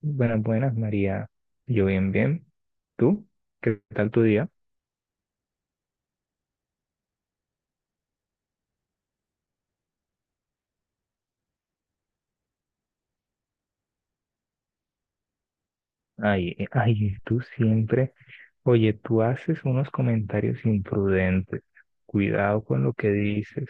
Buenas, buenas, María. Yo bien, bien. ¿Tú? ¿Qué tal tu día? Ay, ay, tú siempre. Oye, tú haces unos comentarios imprudentes. Cuidado con lo que dices.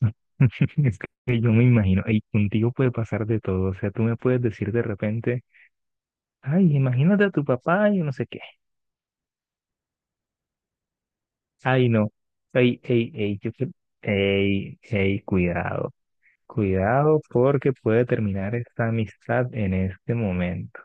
Es que yo me imagino, y contigo puede pasar de todo. O sea, tú me puedes decir de repente, ay, imagínate a tu papá y no sé qué. Ay, no. Ay, ey, ey, ey, ey, cuidado. Cuidado porque puede terminar esta amistad en este momento.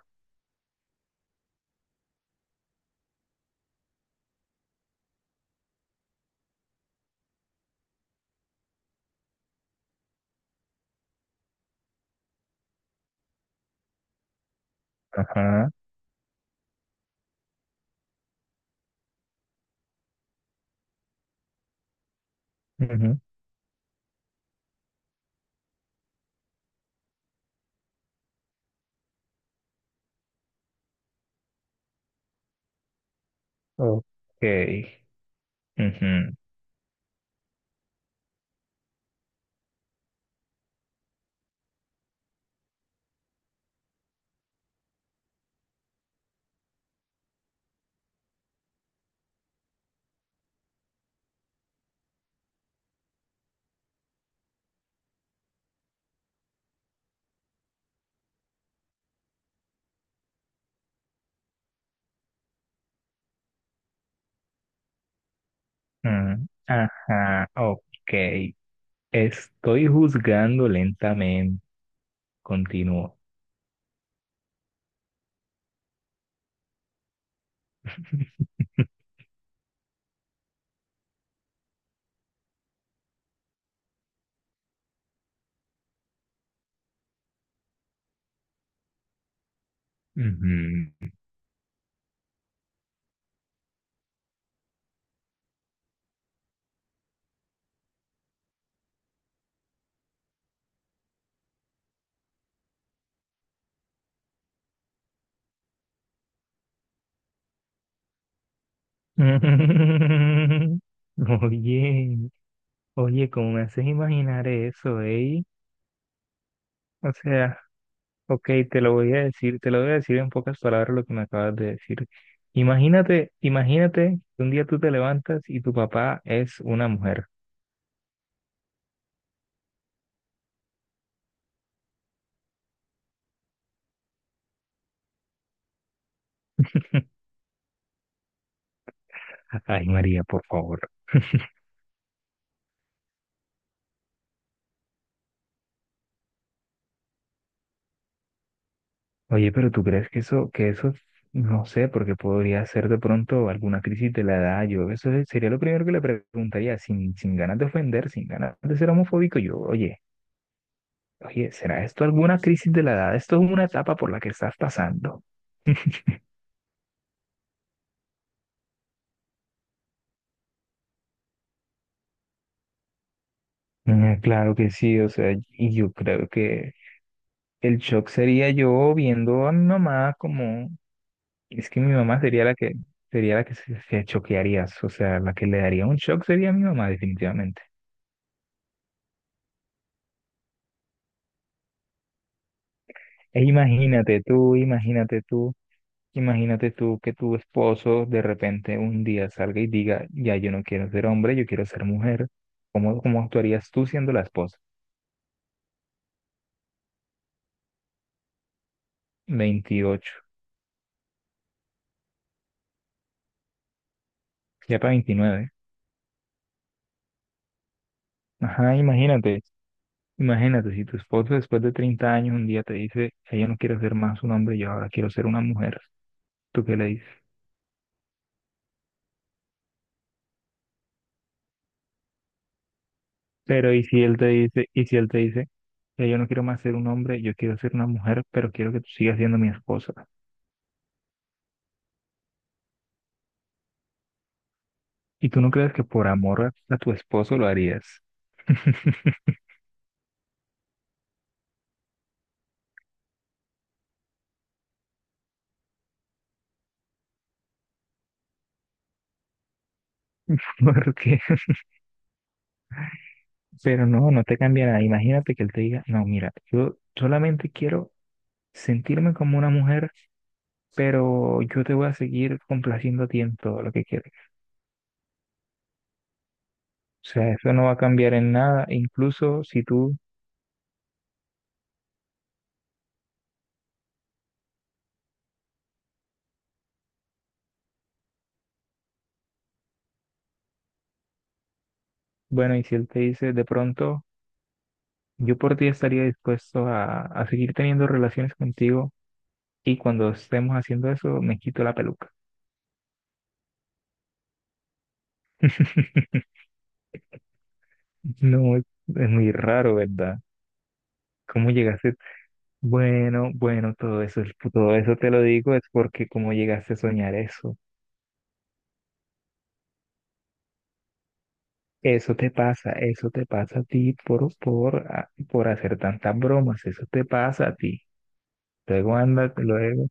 Ajá. Ujú. Ok. Ujú. Ajá, ok. Estoy juzgando lentamente. Continúo. Ujú. Mm. Oye, oye, ¿cómo me haces imaginar eso, eh? O sea, ok, te lo voy a decir, te lo voy a decir en pocas palabras lo que me acabas de decir. Imagínate, imagínate que un día tú te levantas y tu papá es una mujer. Ay, María, por favor. Oye, pero ¿tú crees que eso, no sé, porque podría ser de pronto alguna crisis de la edad? Sería lo primero que le preguntaría, sin ganas de ofender, sin ganas de ser homofóbico. Yo, oye, oye, ¿será esto alguna crisis de la edad? Esto es una etapa por la que estás pasando. Mm. Claro que sí, o sea, y yo creo que el shock sería yo viendo a mi mamá como, es que mi mamá sería la que se choquearía, o sea, la que le daría un shock sería mi mamá definitivamente. E imagínate tú, imagínate tú, imagínate tú que tu esposo de repente un día salga y diga, ya yo no quiero ser hombre, yo quiero ser mujer. ¿Cómo, cómo actuarías tú siendo la esposa? 28, ya para 29. Ajá, imagínate, imagínate si tu esposo después de 30 años un día te dice, ya yo no quiero ser más un hombre, yo ahora quiero ser una mujer. ¿Tú qué le dices? Pero y si él te dice, y si él te dice, ya yo no quiero más ser un hombre, yo quiero ser una mujer, pero quiero que tú sigas siendo mi esposa. Y tú no crees que por amor a tu esposo lo harías. Porque, pero no, no te cambia nada. Imagínate que él te diga, no, mira, yo solamente quiero sentirme como una mujer, pero yo te voy a seguir complaciendo a ti en todo lo que quieres. O sea, eso no va a cambiar en nada. Incluso si tú, bueno, y si él te dice de pronto, yo por ti estaría dispuesto a seguir teniendo relaciones contigo y cuando estemos haciendo eso, me quito la peluca. No, es muy raro, ¿verdad? ¿Cómo llegaste? Bueno, bueno, todo eso te lo digo es porque cómo llegaste a soñar eso. Eso te pasa a ti por hacer tantas bromas, eso te pasa a ti. Luego anda, luego.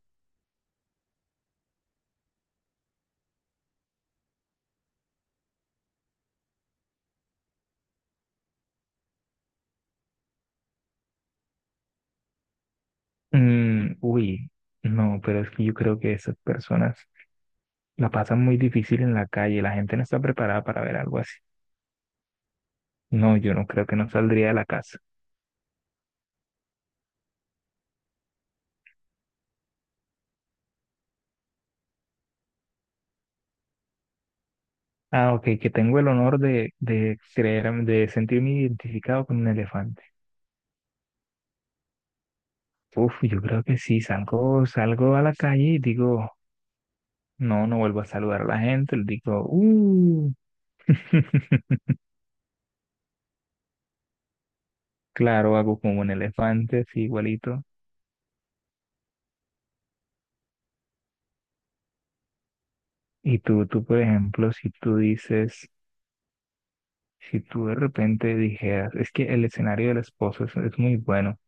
Uy, no, pero es que yo creo que esas personas la pasan muy difícil en la calle, la gente no está preparada para ver algo así. No, yo no creo que no saldría de la casa. Ah, ok, que tengo el honor de creer, de sentirme identificado con un elefante. Uf, yo creo que sí, salgo, salgo a la calle y digo, no, no vuelvo a saludar a la gente, le digo, claro, hago como un elefante, así igualito. Y tú, por ejemplo, si tú dices, si tú de repente dijeras, es que el escenario del esposo es muy bueno,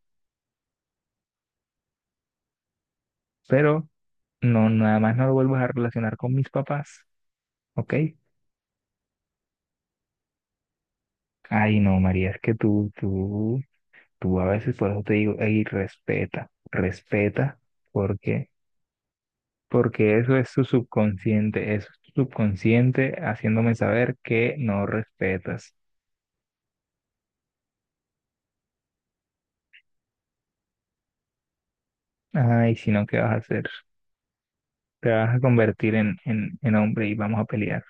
pero no, nada más no lo vuelvas a relacionar con mis papás, ¿ok? Ay, no, María, es que tú a veces, por eso te digo, ey, respeta, respeta, porque porque eso es tu subconsciente, eso es tu subconsciente haciéndome saber que no respetas. Ay, si no, ¿qué vas a hacer? Te vas a convertir en hombre y vamos a pelear.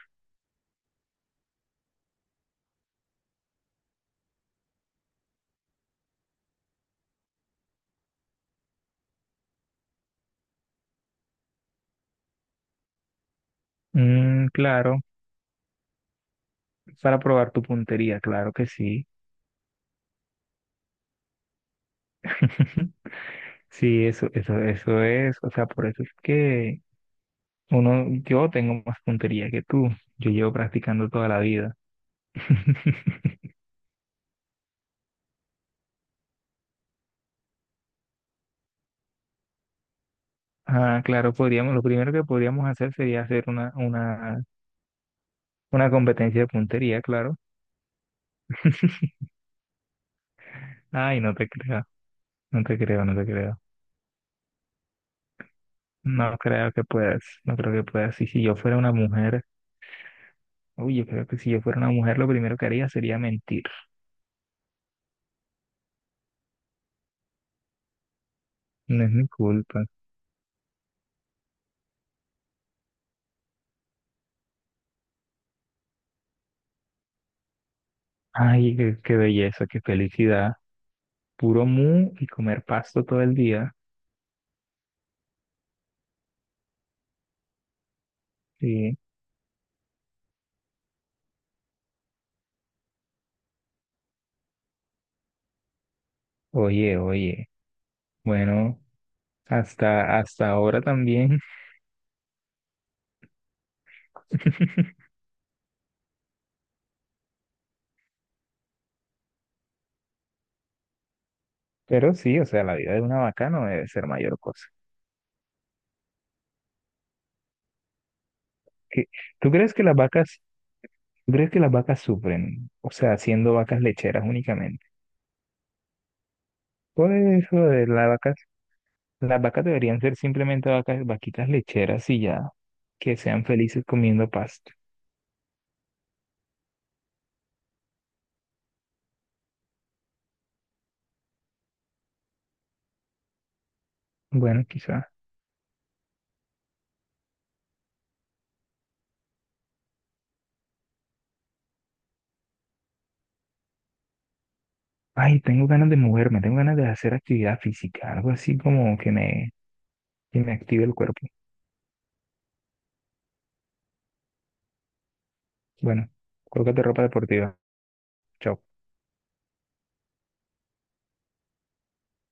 Mm, claro, para probar tu puntería, claro que sí. Sí, eso es, o sea, por eso es que uno, yo tengo más puntería que tú. Yo llevo practicando toda la vida. Ah, claro, podríamos, lo primero que podríamos hacer sería hacer una competencia de puntería, claro. Ay, no te creo, no te creo, no te creo. No creo que puedas, no creo que puedas. Y si yo fuera una mujer, uy, yo creo que si yo fuera una mujer, lo primero que haría sería mentir. No es mi culpa. Ay, qué, qué belleza, qué felicidad. Puro mu y comer pasto todo el día. Sí. Oye, oye. Bueno, hasta, hasta ahora también. Pero sí, o sea, la vida de una vaca no debe ser mayor cosa. ¿Qué- ¿Tú crees que las vacas ¿Tú crees que las vacas sufren? O sea, siendo vacas lecheras únicamente. Por eso de las vacas deberían ser simplemente vacas, vaquitas lecheras y ya, que sean felices comiendo pasto. Bueno, quizá. Ay, tengo ganas de moverme, tengo ganas de hacer actividad física, algo así como que que me active el cuerpo. Bueno, colócate ropa deportiva. Chao.